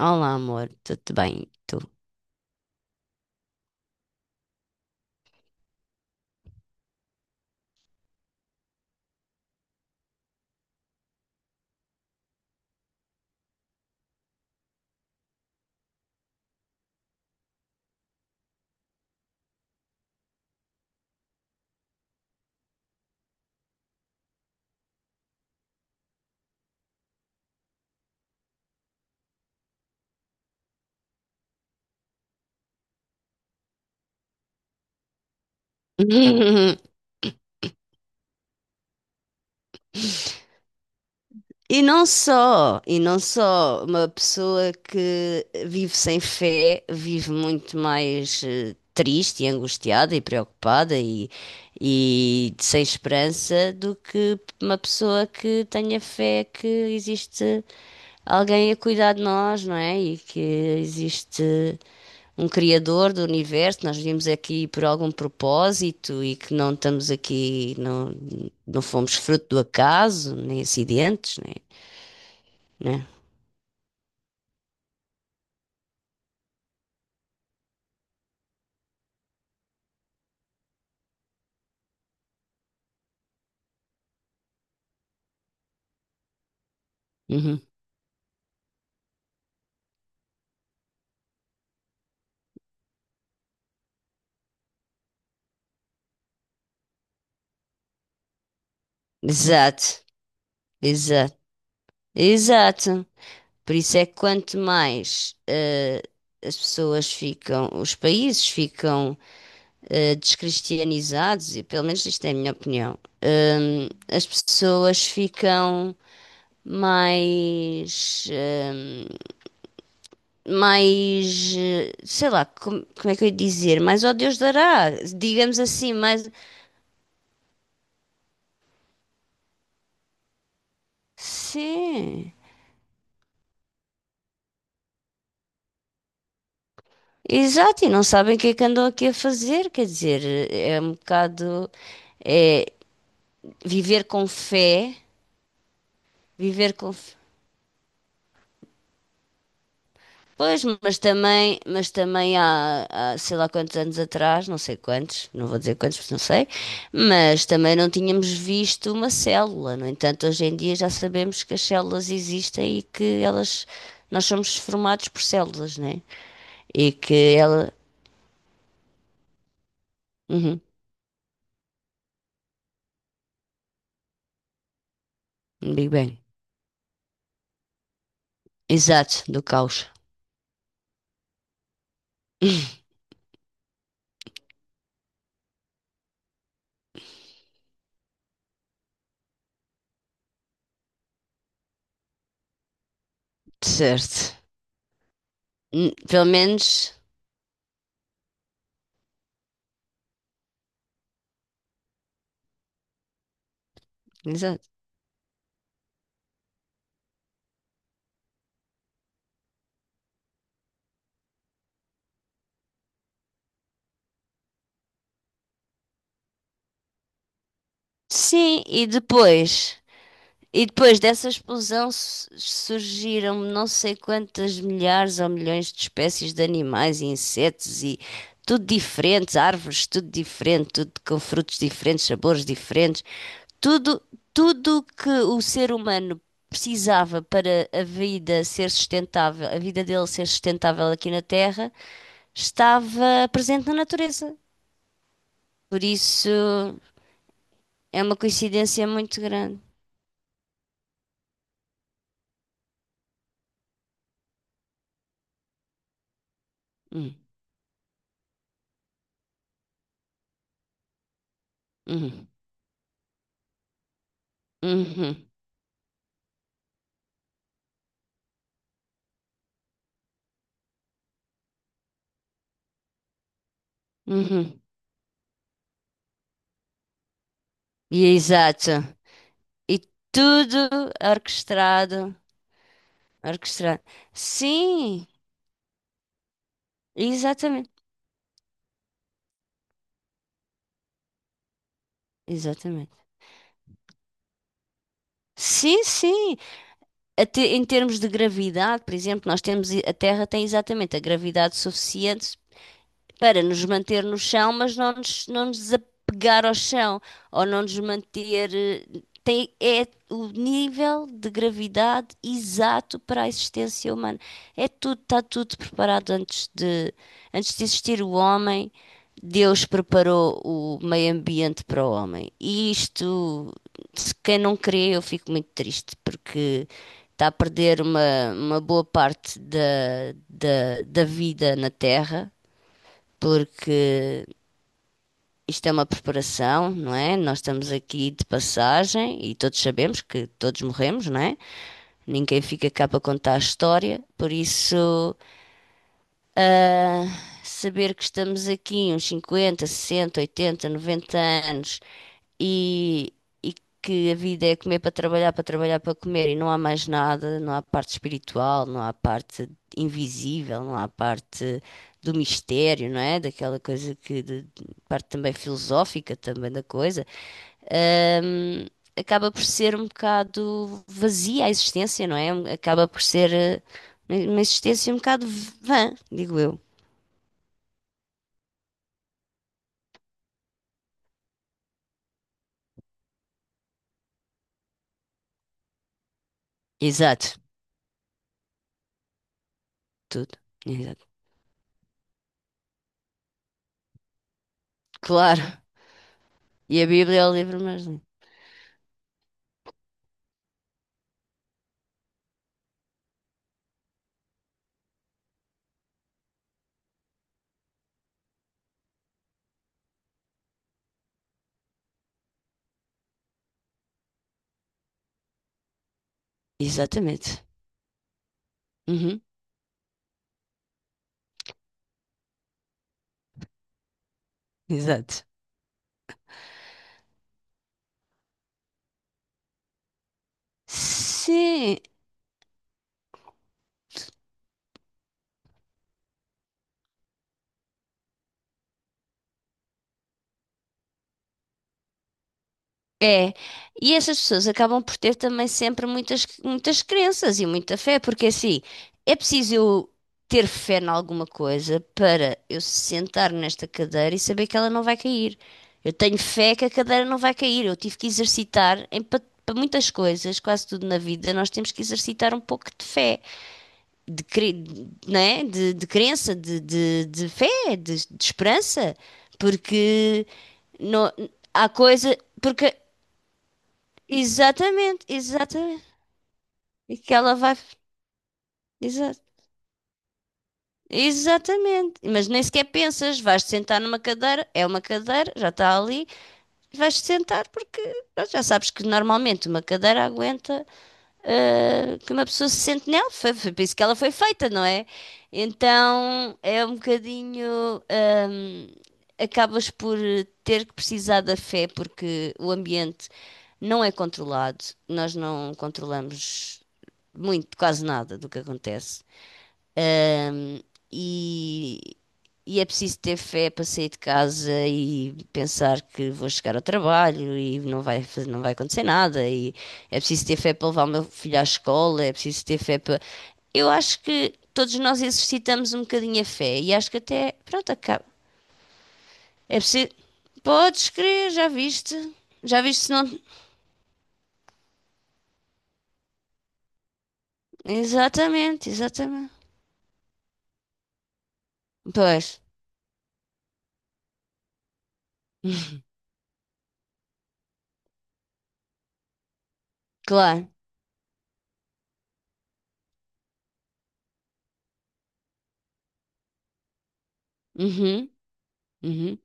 Olá, amor, tudo bem? Tu? E não só, uma pessoa que vive sem fé vive muito mais triste e angustiada e preocupada e sem esperança do que uma pessoa que tenha fé que existe alguém a cuidar de nós, não é? E que existe um criador do universo. Nós vimos aqui por algum propósito e que não estamos aqui, não, não fomos fruto do acaso, nem acidentes, nem, né? Uhum. Exato, exato, exato. Por isso é que quanto mais as pessoas ficam, os países ficam descristianizados, e pelo menos isto é a minha opinião, as pessoas ficam mais. eh, mais, sei lá, como é que eu ia dizer? Mais ó Deus dará, digamos assim, mais. Sim, exato, e não sabem o que é que andam aqui a fazer, quer dizer, é um bocado. É, viver com fé, viver com Pois, mas também há sei lá quantos anos atrás, não sei quantos, não vou dizer quantos, porque não sei, mas também não tínhamos visto uma célula. No entanto, hoje em dia já sabemos que as células existem e que elas, nós somos formados por células, né? E que ela, uhum, Big Bang, exato, do caos, certo. Pelo menos, exato. Sim, e depois e depois dessa explosão surgiram não sei quantas milhares ou milhões de espécies de animais e insetos e tudo diferentes, árvores, tudo diferente, tudo com frutos diferentes, sabores diferentes, tudo, tudo que o ser humano precisava para a vida ser sustentável, a vida dele ser sustentável aqui na Terra, estava presente na natureza. Por isso é uma coincidência muito grande. Hum, uhum, uhum, uhum. E exato. E tudo orquestrado, orquestrado. Sim, exatamente, exatamente. Sim, sim. Até em termos de gravidade, por exemplo, nós temos a Terra tem exatamente a gravidade suficiente para nos manter no chão, mas não nos desapegar ao chão, ou não nos manter. É o nível de gravidade exato para a existência humana. É tudo, está tudo preparado antes de existir o homem. Deus preparou o meio ambiente para o homem. E isto, se quem não crê, eu fico muito triste, porque está a perder uma boa parte da, da, da vida na Terra, porque isto é uma preparação, não é? Nós estamos aqui de passagem e todos sabemos que todos morremos, não é? Ninguém fica cá para contar a história, por isso saber que estamos aqui uns 50, 60, 80, 90 anos e, e que a vida é comer para trabalhar, para trabalhar para comer e não há mais nada, não há parte espiritual, não há parte invisível, não há parte do mistério, não é? Daquela coisa que, parte também filosófica também da coisa. Ahm, Acaba por ser um bocado vazia a existência, não é? Acaba por ser uma existência um bocado vã, digo eu. Exato, tudo. Exato. Claro. E a Bíblia é o livro mais lindo. Exatamente. Uhum, exato. Sim, é. E essas pessoas acabam por ter também sempre muitas, muitas crenças e muita fé, porque assim, é preciso eu ter fé em alguma coisa para eu sentar nesta cadeira e saber que ela não vai cair. Eu tenho fé que a cadeira não vai cair. Eu tive que exercitar em, para muitas coisas, quase tudo na vida, nós temos que exercitar um pouco de fé. de, cre- né? De crença, de fé, de esperança, porque não, há coisa, porque exatamente, exatamente, e que ela vai, exa- exatamente, mas nem sequer pensas, vais-te sentar numa cadeira, é uma cadeira, já está ali, vais-te sentar porque pronto, já sabes que normalmente uma cadeira aguenta que uma pessoa se sente nela. Foi, foi por isso que ela foi feita, não é? Então é um bocadinho. Acabas por ter que precisar da fé porque o ambiente não é controlado. Nós não controlamos muito, quase nada do que acontece. E, e é preciso ter fé para sair de casa e pensar que vou chegar ao trabalho e não vai acontecer nada. E é preciso ter fé para levar o meu filho à escola, é preciso ter fé para. Eu acho que todos nós exercitamos um bocadinho a fé e acho que até. Pronto, acaba. É preciso. Podes crer, já viste? Já viste se não. Exatamente, exatamente. Pois, claro. Uhum, uhum.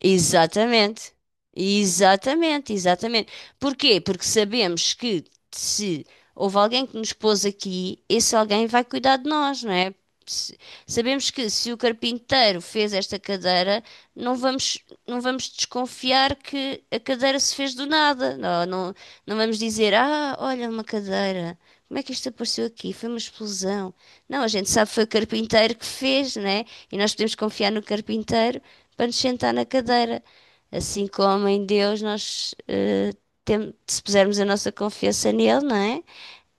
Exatamente. Exatamente, exatamente. Porquê? Porque sabemos que se houve alguém que nos pôs aqui, esse alguém vai cuidar de nós, não é? Se- Sabemos que se o carpinteiro fez esta cadeira, não vamos, não vamos desconfiar que a cadeira se fez do nada. Não, não, não vamos dizer, ah, olha uma cadeira, como é que isto apareceu aqui? Foi uma explosão. Não, a gente sabe que foi o carpinteiro que fez, não é? E nós podemos confiar no carpinteiro para nos sentar na cadeira. Assim como em Deus nós se pusermos a nossa confiança nele, não é?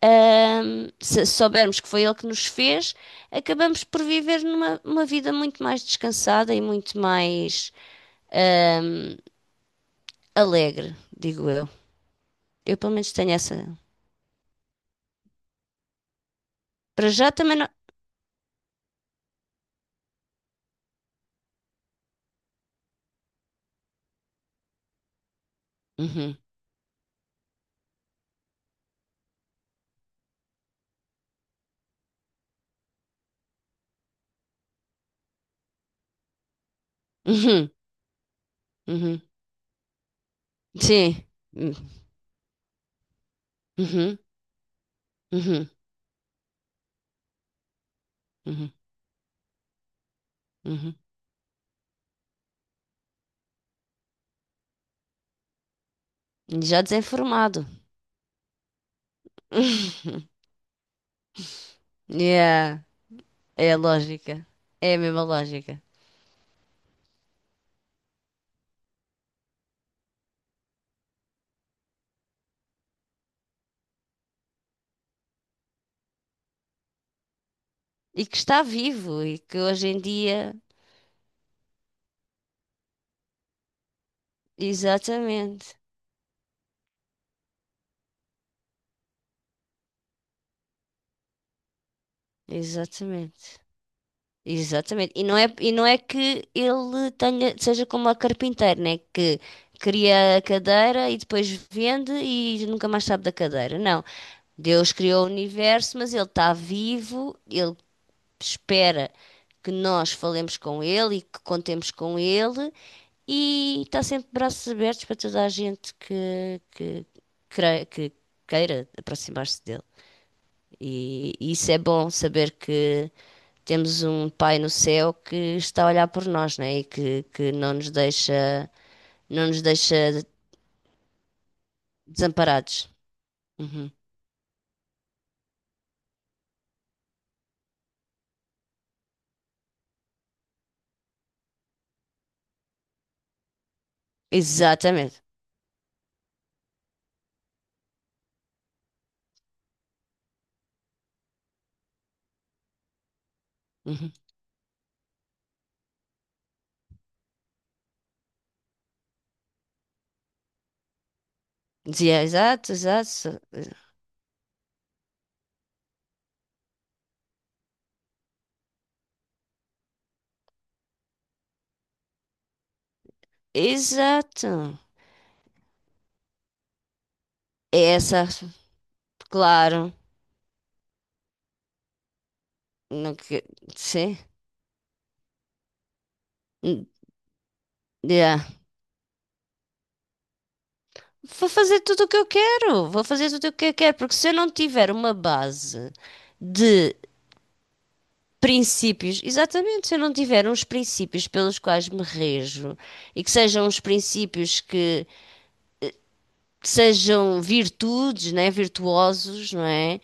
Se soubermos que foi ele que nos fez, acabamos por viver numa uma vida muito mais descansada e muito mais ahm, alegre, digo eu. Eu pelo menos tenho essa. Para já também não. Uhum, uhum, uhum, sim. Uhum, uhum, uhum, uhum, uhum. Já desenformado. Yeah. É a lógica. É a mesma lógica. E que está vivo e que hoje em dia. Exatamente. Exatamente. Exatamente. E não é que ele tenha, seja como a carpinteira, né? Que cria a cadeira e depois vende e nunca mais sabe da cadeira. Não. Deus criou o universo, mas ele está vivo, ele espera que nós falemos com ele e que contemos com ele e está sempre de braços abertos para toda a gente que queira aproximar-se dele. E isso é bom saber que temos um Pai no céu que está a olhar por nós, né? E que não nos deixa, não nos deixa desamparados. Uhum. Exatamente. Uhum. Dizia, exato, exato, exato. É essa, claro. Não que... Sim. Hum, yeah. Vou fazer tudo o que eu quero. Vou fazer tudo o que eu quero. Porque se eu não tiver uma base de princípios, exatamente, se eu não tiver uns princípios pelos quais me rejo e que sejam uns princípios que sejam virtudes, né? Virtuosos, não é?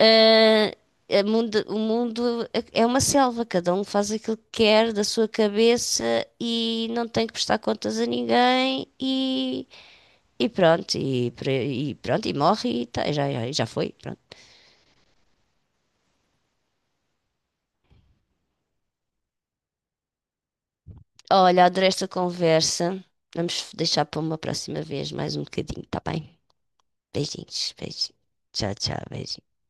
Ah, o mundo é uma selva, cada um faz aquilo que quer da sua cabeça e não tem que prestar contas a ninguém e E pronto, e morre e tá, já já foi, pronto. Olha, adorei esta conversa. Vamos deixar para uma próxima vez mais um bocadinho, tá bem? Beijinhos, beijinhos. Tchau, tchau, beijinhos.